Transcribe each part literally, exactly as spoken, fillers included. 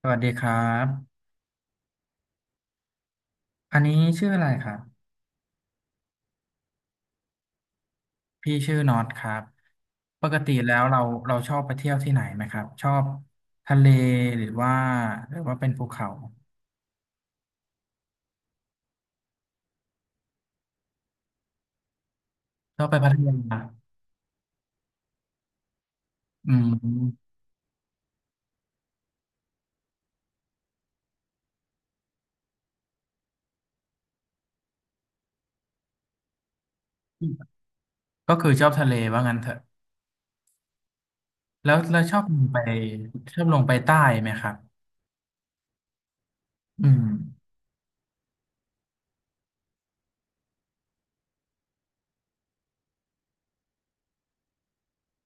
สวัสดีครับอันนี้ชื่ออะไรครับพี่ชื่อน็อตครับปกติแล้วเราเราชอบไปเที่ยวที่ไหนไหมครับชอบทะเลหรือว่าหรือว่าเป็นภูเขาชอบไปพัทยาอืมก็คือชอบทะเลว่างั้นเถอะแล้วแล้วชอบลงไปชอบลงไปใต้ไหมครับอืม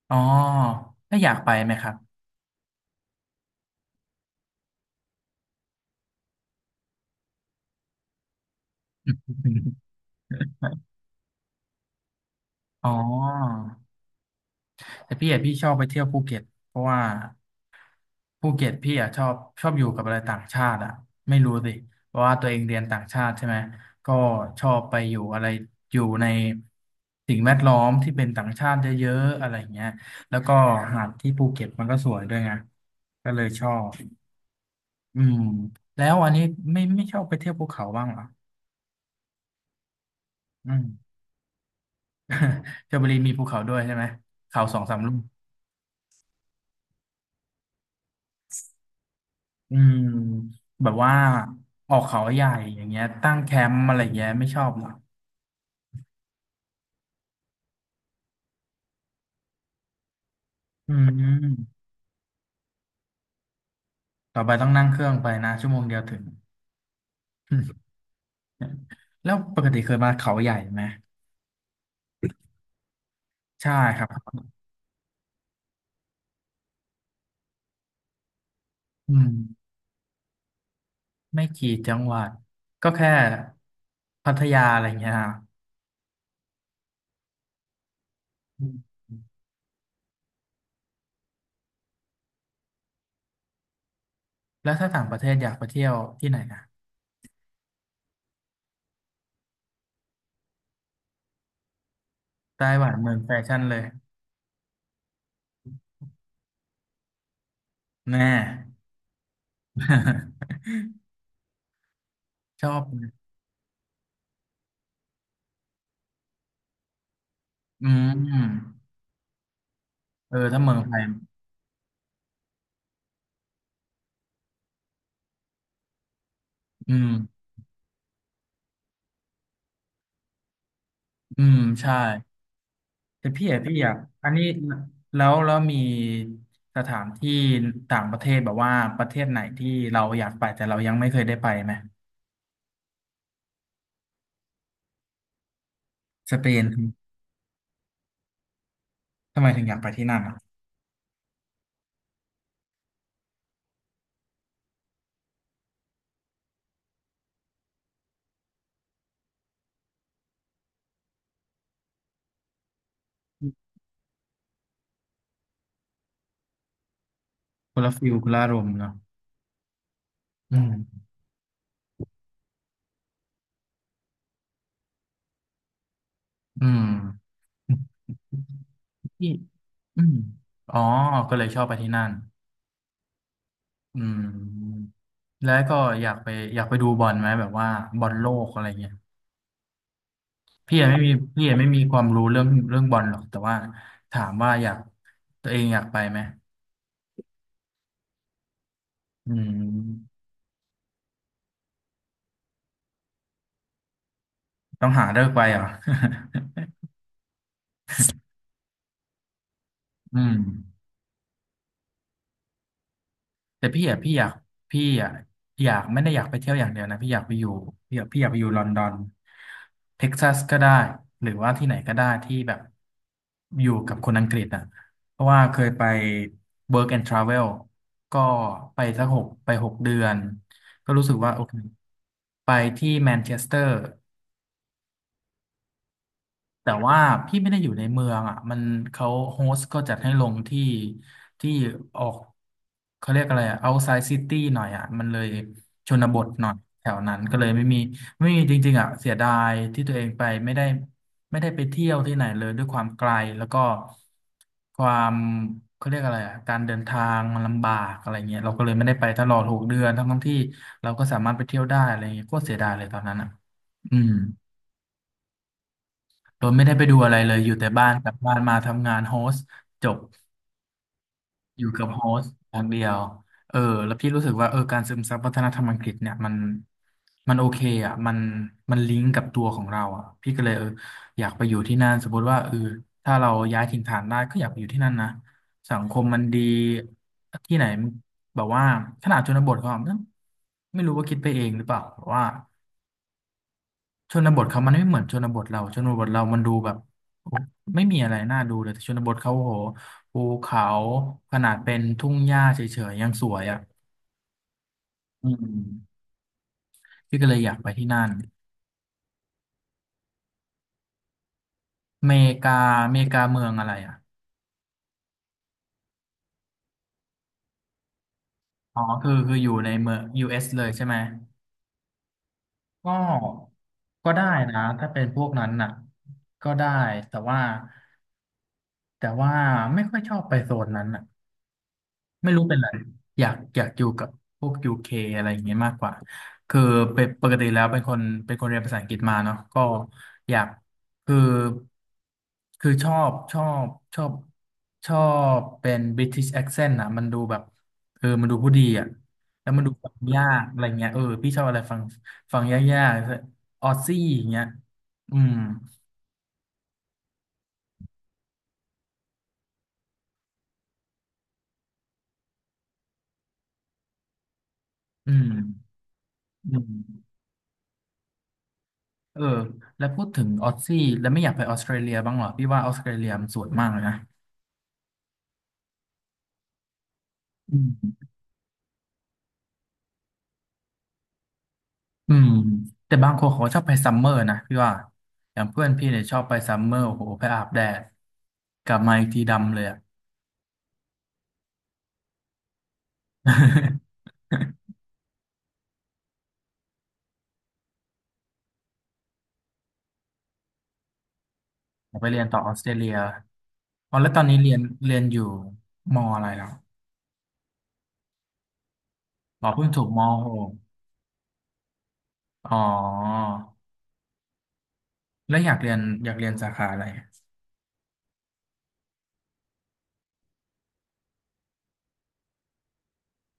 อ๋อถ้าอยากไปไหมครับ อ๋อแต่พี่อะพี่ชอบไปเที่ยวภูเก็ตเพราะว่า ภูเก็ตพี่อ่ะชอบชอบอยู่กับอะไรต่างชาติอ่ะไม่รู้สิเพราะว่าตัวเองเรียนต่างชาติใช่ไหมก็ชอบไปอยู่อะไรอยู่ในสิ่งแวดล้อมที่เป็นต่างชาติเยอะๆอะไรอย่างเงี้ยแล้วก็หาดที่ภูเก็ตมันก็สวยด้วยไงก็เลยชอบอืมแล้วอันนี้ไม่ไม่ชอบไปเที่ยวภูเขาบ้างเหรออืม ชลบุรีมีภูเขาด้วยใช่ไหมเขาสองสามลูกอืมแบบว่าออกเขาใหญ่อย่างเงี้ยตั้งแคมป์อะไรอย่างเงี้ยไม่ชอบเหรออืม ต่อไปต้องนั่งเครื่องไปนะชั่วโมงเดียวถึง แล้วปกติเคยมาเขาใหญ่ไหมใช่ครับอืมไม่กี่จังหวัดก็แค่พัทยาอะไรอย่างเงี้ยฮะอืมแล้วถ้าต่างประเทศอยากไปเที่ยวที่ไหนนะไต้หวันเมืองแฟชั่นเลยแน่ ชอบอืมเออถ้าเมืองไทยอืมอืมใช่ แต่พี่อะพี่อยากอันนี้แล้วแล้วมีสถานที่ต่างประเทศแบบว่าประเทศไหนที่เราอยากไปแต่เรายังไม่เคยได้ไปไหมสเปนทำไมถึงอยากไปที่นั่นอ่ะคนละฟิลคนละอารมณ์เนาะอืมอืม ที่อืมอ๋อก็เลยชอบไปที่นั่นอืมแล้วก็อยากไปอยากไปดูบอลไหมแบบว่าบอลโลกอะไรเงี้ยพี่ยังไม่มีพี่ยังไม่มีความรู้เรื่องเรื่องบอลหรอกแต่ว่าถามว่าอยากตัวเองอยากไปไหม อืมต้องหาเลิกไปเหรอ อืมแต่พี่อ่ะพี่อยากพี่อ่ะอยากไม่ได้อยากไปเที่ยวอย่างเดียวนะพี่อยากไปอยู่พี่อยากพี่อยากไปอยู่ลอนดอนเท็กซัสก็ได้หรือว่าที่ไหนก็ได้ที่แบบอยู่กับคนอังกฤษอ่ะเพราะว่าเคยไป work and travel ก็ไปสักหกไปหกเดือนก็รู้สึกว่าโอเคไปที่แมนเชสเตอร์ แต่ว่าพี่ไม่ได้อยู่ในเมืองอ่ะมันเขาโฮสต์ก็จัดให้ลงที่ที่ออกเขาเรียกอะไรอ่ะ outside city หน่อยอ่ะมันเลยชนบทหน่อยแถวนั้นก็เลยไม่มีไม่มีจริงๆอ่ะเสียดายที่ตัวเองไปไม่ได้ไม่ได้ไปเที่ยวที่ไหนเลยด้วยความไกลแล้วก็ความเขาเรียกอะไรอ่ะการเดินทางมันลำบากอะไรเงี้ยเราก็เลยไม่ได้ไปตลอดหกเดือนทั้งๆที่เราก็สามารถไปเที่ยวได้อะไรเงี้ยก็เสียดายเลยตอนนั้นอ่ะอืม โดยไม่ได้ไปดูอะไรเลย อยู่แต่บ้านกลับบ้านมาทำงานโฮสต์จบอยู่กับโฮสต์อย่างเดียวเออแล้วพี่รู้สึกว่าเออการซึมซับวัฒนธรรมอังกฤษเนี่ยมันมันโอเคอ่ะมันมันลิงก์กับตัวของเราอ่ะพี่ก็เลยเอออยากไปอยู่ที่นั่นสมมติว่าเออถ้าเราย้ายถิ่นฐานได้ก็อยากไปอยู่ที่นั่นนะสังคมมันดีที่ไหนแบบว่าขนาดชนบทก็ไม่รู้ว่าคิดไปเองหรือเปล่าแต่ว่า ชนบทเขามันไม่เหมือนชนบทเราชนบทเรามันดูแบบโอ้ไม่มีอะไรน่าดูเลยแต่ชนบทเขาโอ้โหภูเขาขนาดเป็นทุ่งหญ้าเฉยๆยังสวยอ่ะอืมพี่ก็เลยอยากไปที่นั่นเมกาเมกาเมืองอะไรอ่ะอ๋อคือคืออยู่ในเมือง ยู เอส เอสเลยใช่ไหมก็ก็ได้นะถ้าเป็นพวกนั้นน่ะก็ได้แต่ว่าแต่ว่าไม่ค่อยชอบไปโซนนั้นน่ะ ไม่รู้เป็นไรอยากอยากอยู่กับพวกยูเคอะไรอย่างเงี้ยมากกว่าคือเป็นปกติแล้วเป็นคนเป็นคนเรียนภาษาอังกฤษมาเนาะก็อยากคือคือชอบชอบชอบชอบเป็น British accent นะมันดูแบบเออมันดูผู้ดีอ่ะแล้วมันดูฟังยากอะไรเงี้ยเออพี่ชอบอะไรฟังฟังยากๆออสซี่อย่างเงี้ยอืมอืมอืม เออแล้วพูดถึงออสซี่แล้วไม่อยากไปออสเตรเลียบ้างเหรอพี่ว่าออสเตรเลียมันสวยมากเลยนะอืมอืมแต่บางคนเขาชอบไปซัมเมอร์นะพี่ว่าอย่างเพื่อนพี่เนี่ยชอบไปซัมเมอร์โอ้โหไปอาบแดดกลับมาอีกทีดำเลยอะ อยากไปเรียนต่อออสเตรเลียอ๋อแล้วตอนนี้เรียนเรียนอยู่มออะไรแล้วอ๋อเพิ่งจบมหกอ๋อแล้วอยากเรียนอยากเรียนสาขาอะไร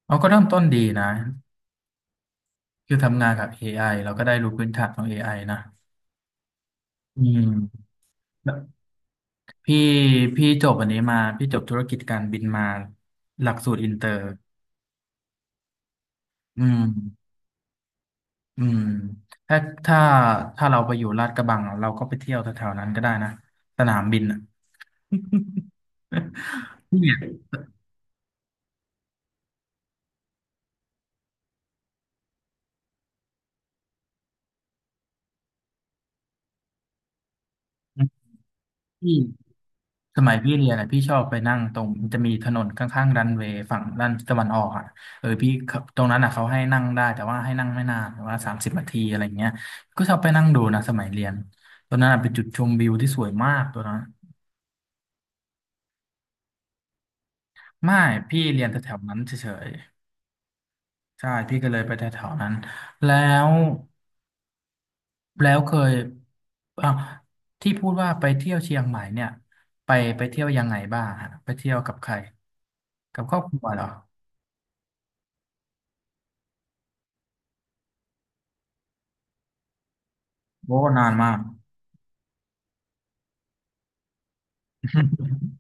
อราก็เริ่มต้นดีนะคือทำงานกับ เอ ไอ เราก็ได้รู้พื้นฐานของเอไอนะ อืมพี่พี่จบอันนี้มาพี่จบธุรกิจการบินมาหลักสูตรอินเตอร์อืมอืมถ้าถ้าถ้าเราไปอยู่ลาดกระบังอะเราก็ไปเที่ยวแถวๆนั้นก็ได้นะสนามบินอ่ะ พี่เนี่ยพี่ สมัยพี่เรียนอ่ะพี่ชอบไปนั่งตรงมันจะมีถนนข้างๆรันเวย์ฝั่งด้านตะวันออกอ่ะเออพี่เขาตรงนั้นอ่ะเขาให้นั่งได้แต่ว่าให้นั่งไม่นานแต่ว่าสามสิบนาทีอะไรเงี้ยก็ชอบไปนั่งดูนะสมัยเรียนตอนนั้นอ่ะเป็นจุดชมวิวที่สวยมากตัวนั้นไม่พี่เรียนแถวๆนั้นเฉยๆใช่พี่ก็เลยไปแถวๆนั้นแล้วแล้วเคยอ่ะที่พูดว่าไปเที่ยวเชียงใหม่เนี่ยไปไปเที่ยวยังไงบ้างฮะไปเที่ยวกับใครกับครอบครัวเหรอโอ้นานมาก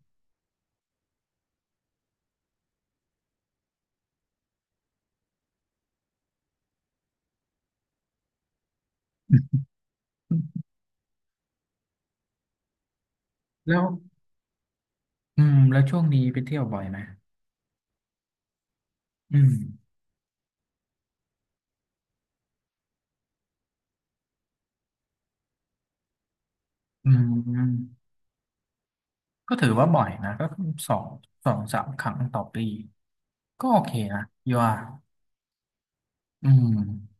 แล้วอืมแล้วช่วงนี้ไปเที่ยวบ่อยไหมอืมอืมอืมก็ถือว่าบ่อยนะก็สองสองสามครั้งต่อปีก็โอเคนะยว่าอืม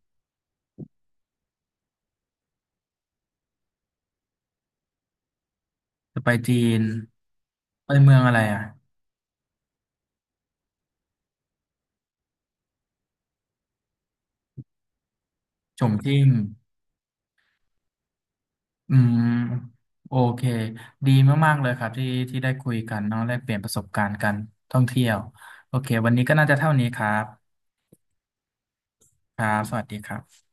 จะไปจีนไปเมืองอะไรอ่ะฉงชิ่งอืมโอเคดีมากๆเลยครับที่ที่ได้คุยกันเนาะแลกเปลี่ยนประสบการณ์กันท่องเที่ยวโอเควันนี้ก็น่าจะเท่านี้ครับครับสวัสดีครับ